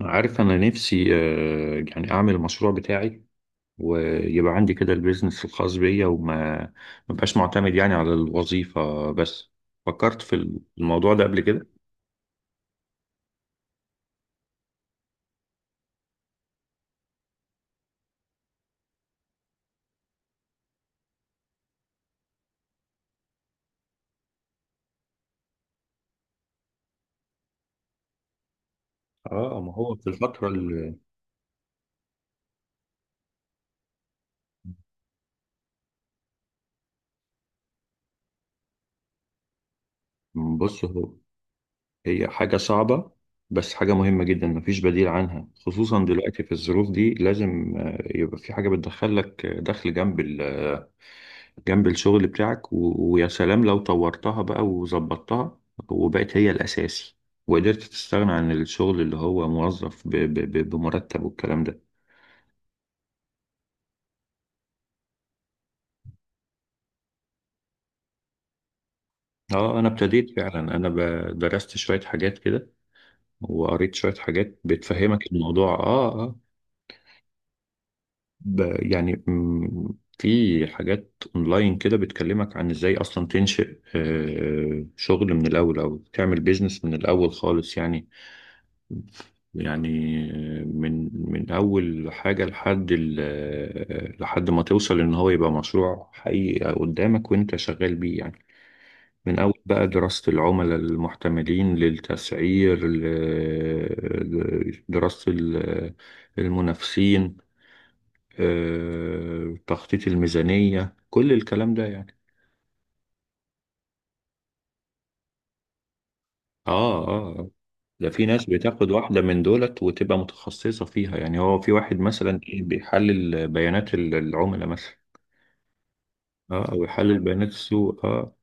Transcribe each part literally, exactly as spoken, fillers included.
عارف أنا نفسي آه، يعني أعمل المشروع بتاعي، ويبقى عندي كده البيزنس الخاص بيا وما ما بقاش معتمد يعني على الوظيفة بس. فكرت في الموضوع ده قبل كده. اه، ما هو في الفترة اللي... بص هو... هي حاجة صعبة، بس حاجة مهمة جدا مفيش بديل عنها، خصوصا دلوقتي في الظروف دي لازم آه، يبقى في حاجة بتدخل لك دخل جنب جنب الشغل بتاعك، و... ويا سلام لو طورتها بقى وظبطتها وبقت هي الأساسي وقدرت تستغنى عن الشغل اللي هو موظف ب... ب... ب- بمرتب والكلام ده. اه، انا ابتديت فعلا، انا ب... درست شوية حاجات كده، وقريت شوية حاجات بتفهمك الموضوع. اه اه. ب... يعني م... في حاجات اونلاين كده بتكلمك عن ازاي اصلا تنشئ آه شغل من الاول، او تعمل بيزنس من الاول خالص يعني. يعني من من أول حاجة لحد ال- لحد ما توصل إن هو يبقى مشروع حقيقي قدامك وأنت شغال بيه يعني. من أول بقى دراسة العملاء المحتملين للتسعير، ل- دراسة ال- المنافسين، آه، تخطيط الميزانية، كل الكلام ده يعني. اه اه آه. ده في ناس بتاخد واحدة من دولت وتبقى متخصصة فيها، يعني هو في واحد مثلا ايه بيحلل بيانات ال- العملاء مثلا. اه، او يحلل بيانات السوق، اه.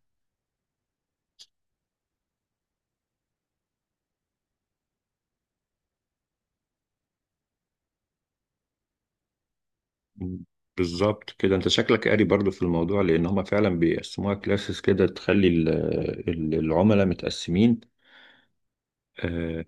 بالظبط كده، انت شكلك قاري برضو في الموضوع، لان هما فعلا بيقسموها كلاسز كده، تخلي ال- ال- العملاء متقسمين. آه.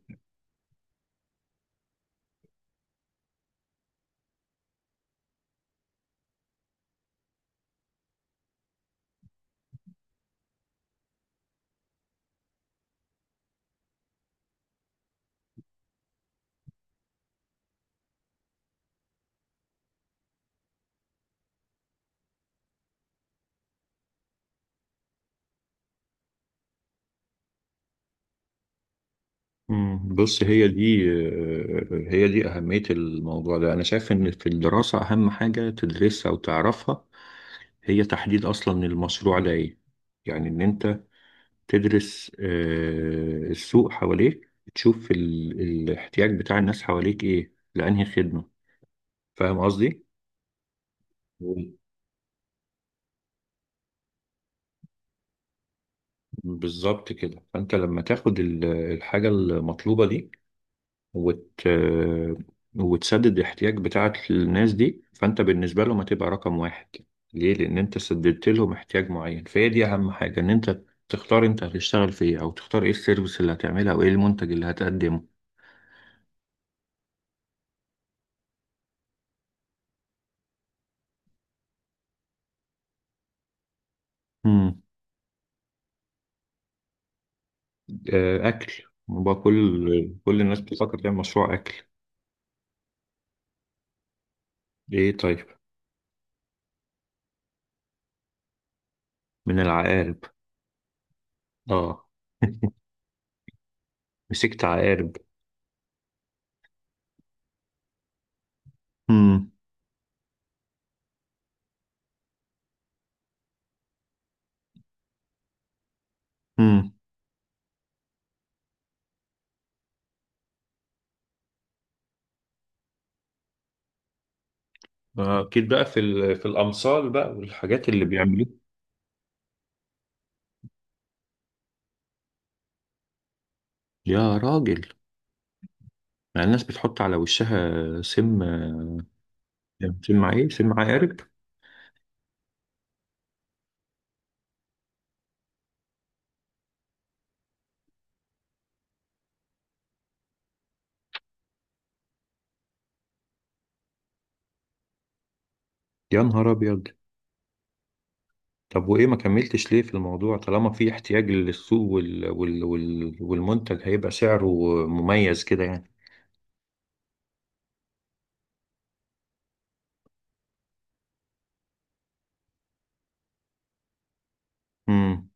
مم، بص هي دي آه هي دي أهمية الموضوع ده. أنا شايف إن في الدراسة أهم حاجة تدرسها وتعرفها هي تحديد أصلا المشروع ده إيه. يعني إن أنت تدرس آه، السوق حواليك، تشوف ال... الاحتياج بتاع الناس حواليك إيه، لأنهي خدمة. فاهم قصدي؟ مم. بالظبط كده، فأنت لما تاخد ال- الحاجة المطلوبة دي وت... وتسدد الاحتياج بتاعك للناس دي، فانت بالنسبة لهم هتبقى رقم واحد. ليه؟ لأن انت سددت لهم احتياج معين، فهي دي أهم حاجة، إن انت تختار انت هتشتغل في ايه، أو تختار ايه السيرفيس اللي هتعملها، أو ايه المنتج اللي هتقدمه. مم. آه، أكل بقى، كل كل الناس بتفكر تعمل مشروع أكل. ايه طيب؟ من العقارب. اه. مسكت عقارب. مم. مم. أكيد بقى في ال- في الأمثال بقى والحاجات اللي بيعملوها. يا راجل، يعني الناس بتحط على وشها سم؟ سم ايه، سم عقارب؟ يا نهار ابيض. طب وايه ما كملتش ليه في الموضوع؟ طالما في احتياج للسوق وال... وال... وال... والمنتج هيبقى سعره مميز كده يعني. امم.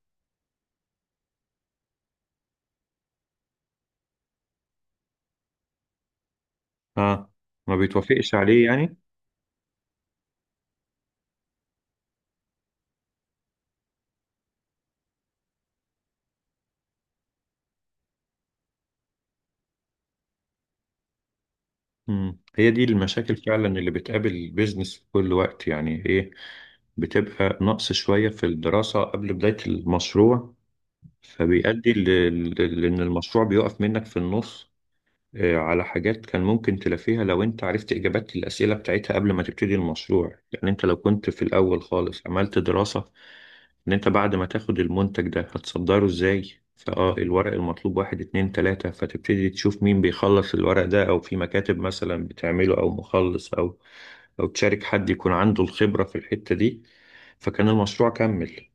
اه، ما بيتوافقش عليه يعني. امم هي دي المشاكل فعلا اللي بتقابل البيزنس في كل وقت يعني. ايه بتبقى؟ نقص شوية في الدراسة قبل بداية المشروع، فبيؤدي ل- ل- لان المشروع بيقف منك في النص آه، على حاجات كان ممكن تلافيها، لو انت عرفت اجابات الاسئله بتاعتها قبل ما تبتدي المشروع. يعني انت لو كنت في الاول خالص عملت دراسه ان انت بعد ما تاخد المنتج ده هتصدره ازاي، فاه، الورق المطلوب واحد اتنين تلاته، فتبتدي تشوف مين بيخلص الورق ده، او في مكاتب مثلا بتعمله، او مخلص، او او تشارك حد يكون عنده الخبره في الحته دي، فكان المشروع كمل.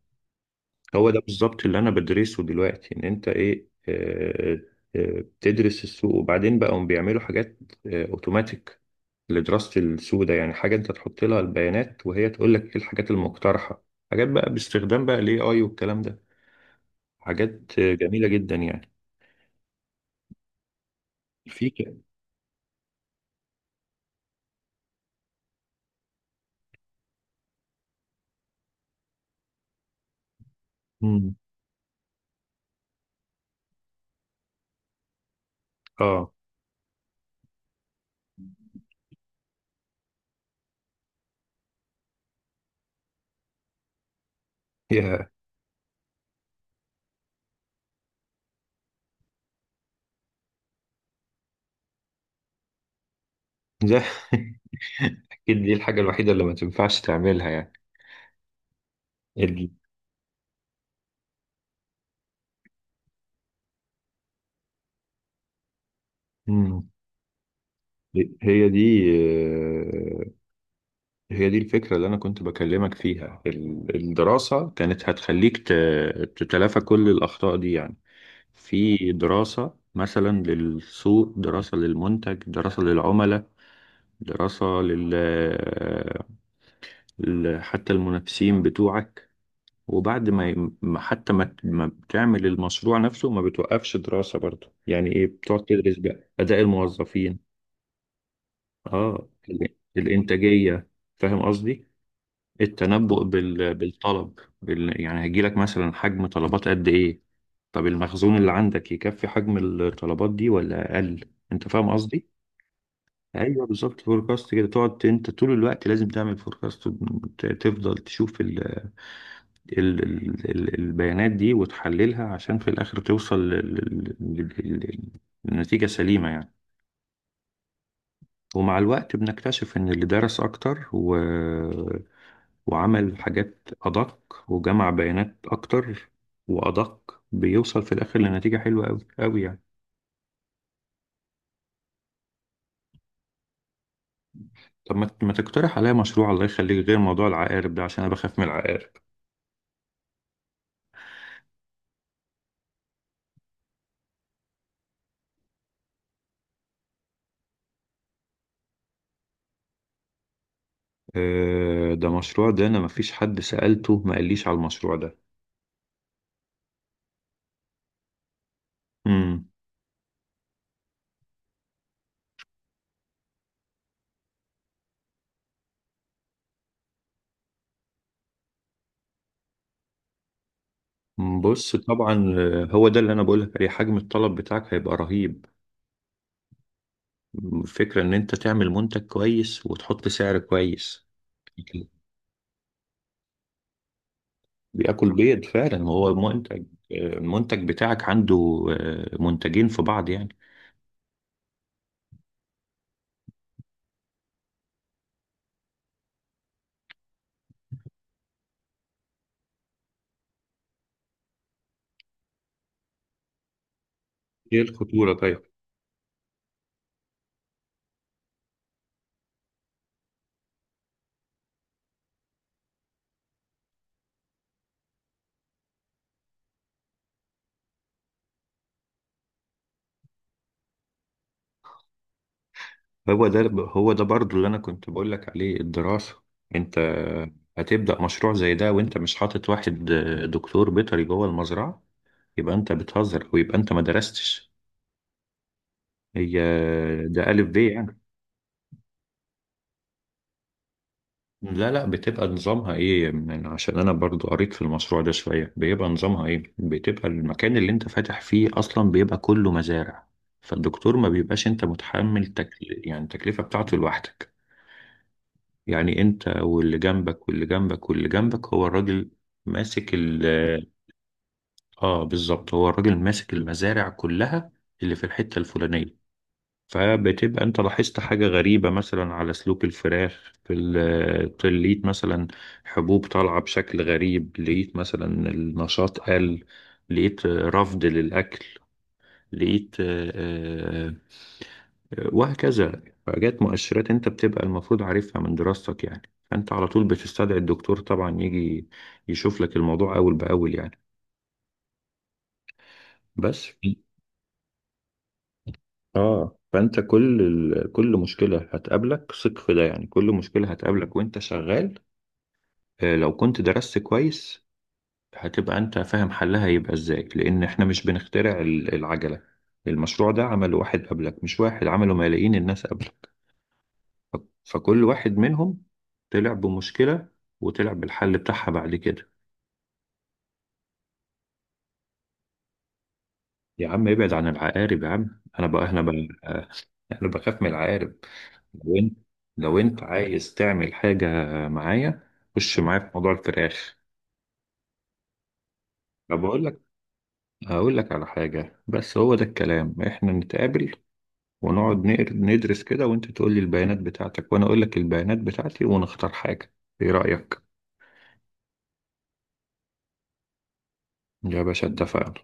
هو ده بالظبط اللي انا بدرسه دلوقتي، ان انت ايه، آه، آه، بتدرس السوق، وبعدين بقى هم بيعملوا حاجات اوتوماتيك لدراسة السوق ده، يعني حاجة انت تحط لها البيانات وهي تقول لك ايه الحاجات المقترحة، حاجات بقى باستخدام بقى الاي اي والكلام ده، حاجات آه، جميلة جدا يعني. في ك- مم. اه، يا ده. اكيد دي الحاجة الوحيدة اللي ما تنفعش تعملها يعني ال... مم. هي دي آه، هي دي الفكرة اللي أنا كنت بكلمك فيها، ال- الدراسة كانت هتخليك ت- تتلافى كل الأخطاء دي يعني. في دراسة مثلا للسوق، دراسة للمنتج، دراسة للعملاء، دراسة لل ال- حتى المنافسين بتوعك. وبعد ما ي- ما- حتى ما ت- ما بتعمل المشروع نفسه ما بتوقفش دراسة برضه، يعني إيه؟ بتقعد تدرس بقى أداء الموظفين، آه ال- الإنتاجية. فاهم قصدي؟ التنبؤ بال... بالطلب، بال... يعني هيجيلك مثلا حجم طلبات قد ايه؟ طب المخزون اللي عندك يكفي حجم الطلبات دي ولا اقل؟ انت فاهم قصدي. ايوه بالظبط، فوركاست كده، تقعد ت- انت طول الوقت لازم تعمل فوركاست، تفضل تشوف ال... ال... ال... ال- البيانات دي وتحللها، عشان في الاخر توصل لل... لل... لل... للنتيجة سليمة يعني. ومع الوقت بنكتشف ان اللي درس اكتر و... وعمل حاجات أدق، وجمع بيانات أكتر وأدق، بيوصل في الآخر لنتيجة حلوة أوي أوي يعني. طب ما ما تقترح عليا مشروع الله يخليك، غير موضوع العقارب ده عشان أنا بخاف من العقارب. آه، ده مشروع ده أنا مفيش حد سألته ما قاليش على المشروع ده. امم. بص طبعا، آه، هو ده اللي أنا بقولك عليه، حجم الطلب بتاعك هيبقى رهيب. الفكرة إن أنت تعمل منتج كويس وتحط سعر كويس. بياكل بيض فعلا، هو منتج. آه، المنتج بتاعك عنده آه، منتجين في بعض يعني. ايه الخطورة طيب؟ هو ده هو ده برضو اللي انا كنت بقول لك عليه، الدراسة. انت هتبدأ مشروع زي ده وانت مش حاطط واحد آه، دكتور بيطري جوه المزرعة، يبقى انت بتهزر، ويبقى انت ما درستش. هي آه، ده ألف ب يعني. لا لا، بتبقى نظامها ايه؟ من عشان انا برضو قريت في المشروع ده شوية، بيبقى نظامها ايه، بتبقى المكان اللي انت فاتح فيه اصلا بيبقى كله مزارع، فالدكتور ما بيبقاش انت متحمل تكل... يعني التكلفة بتاعته لوحدك، يعني انت واللي جنبك واللي جنبك واللي جنبك، هو الراجل ماسك ال اه بالظبط، هو الراجل ماسك المزارع كلها اللي في الحتة الفلانية. فبتبقى انت لاحظت حاجة غريبة مثلا على سلوك الفراخ في ال- لقيت مثلا حبوب طالعة بشكل غريب، لقيت مثلا النشاط قل، لقيت رفض للأكل، لقيت آه، آه، وهكذا، حاجات مؤشرات انت بتبقى المفروض عارفها من دراستك يعني. فانت على طول بتستدعي الدكتور، طبعا يجي يشوف لك الموضوع أول بأول يعني. بس اه، فانت كل ال... كل مشكله هتقابلك، ثق في ده يعني، كل مشكله هتقابلك وانت شغال آه، لو كنت درست كويس هتبقى انت فاهم حلها هيبقى ازاي، لان احنا مش بنخترع ال- العجله. المشروع ده عمله واحد قبلك، مش واحد، عمله ملايين الناس قبلك، ف- فكل واحد منهم طلع بمشكله وطلع بالحل بتاعها بعد كده. يا عم ابعد عن العقارب يا عم، انا بقى، احنا بقى انا بخاف من العقارب. لو انت لو انت عايز تعمل حاجة معايا، خش معايا في موضوع الفراخ. طب اقول لك اقول لك على حاجة، بس هو ده الكلام، احنا نتقابل ونقعد نقر- ندرس كده، وانت تقول لي البيانات بتاعتك، وانا اقول لك البيانات بتاعتي، ونختار حاجة. ايه رأيك؟ يا باشا، اتفقنا.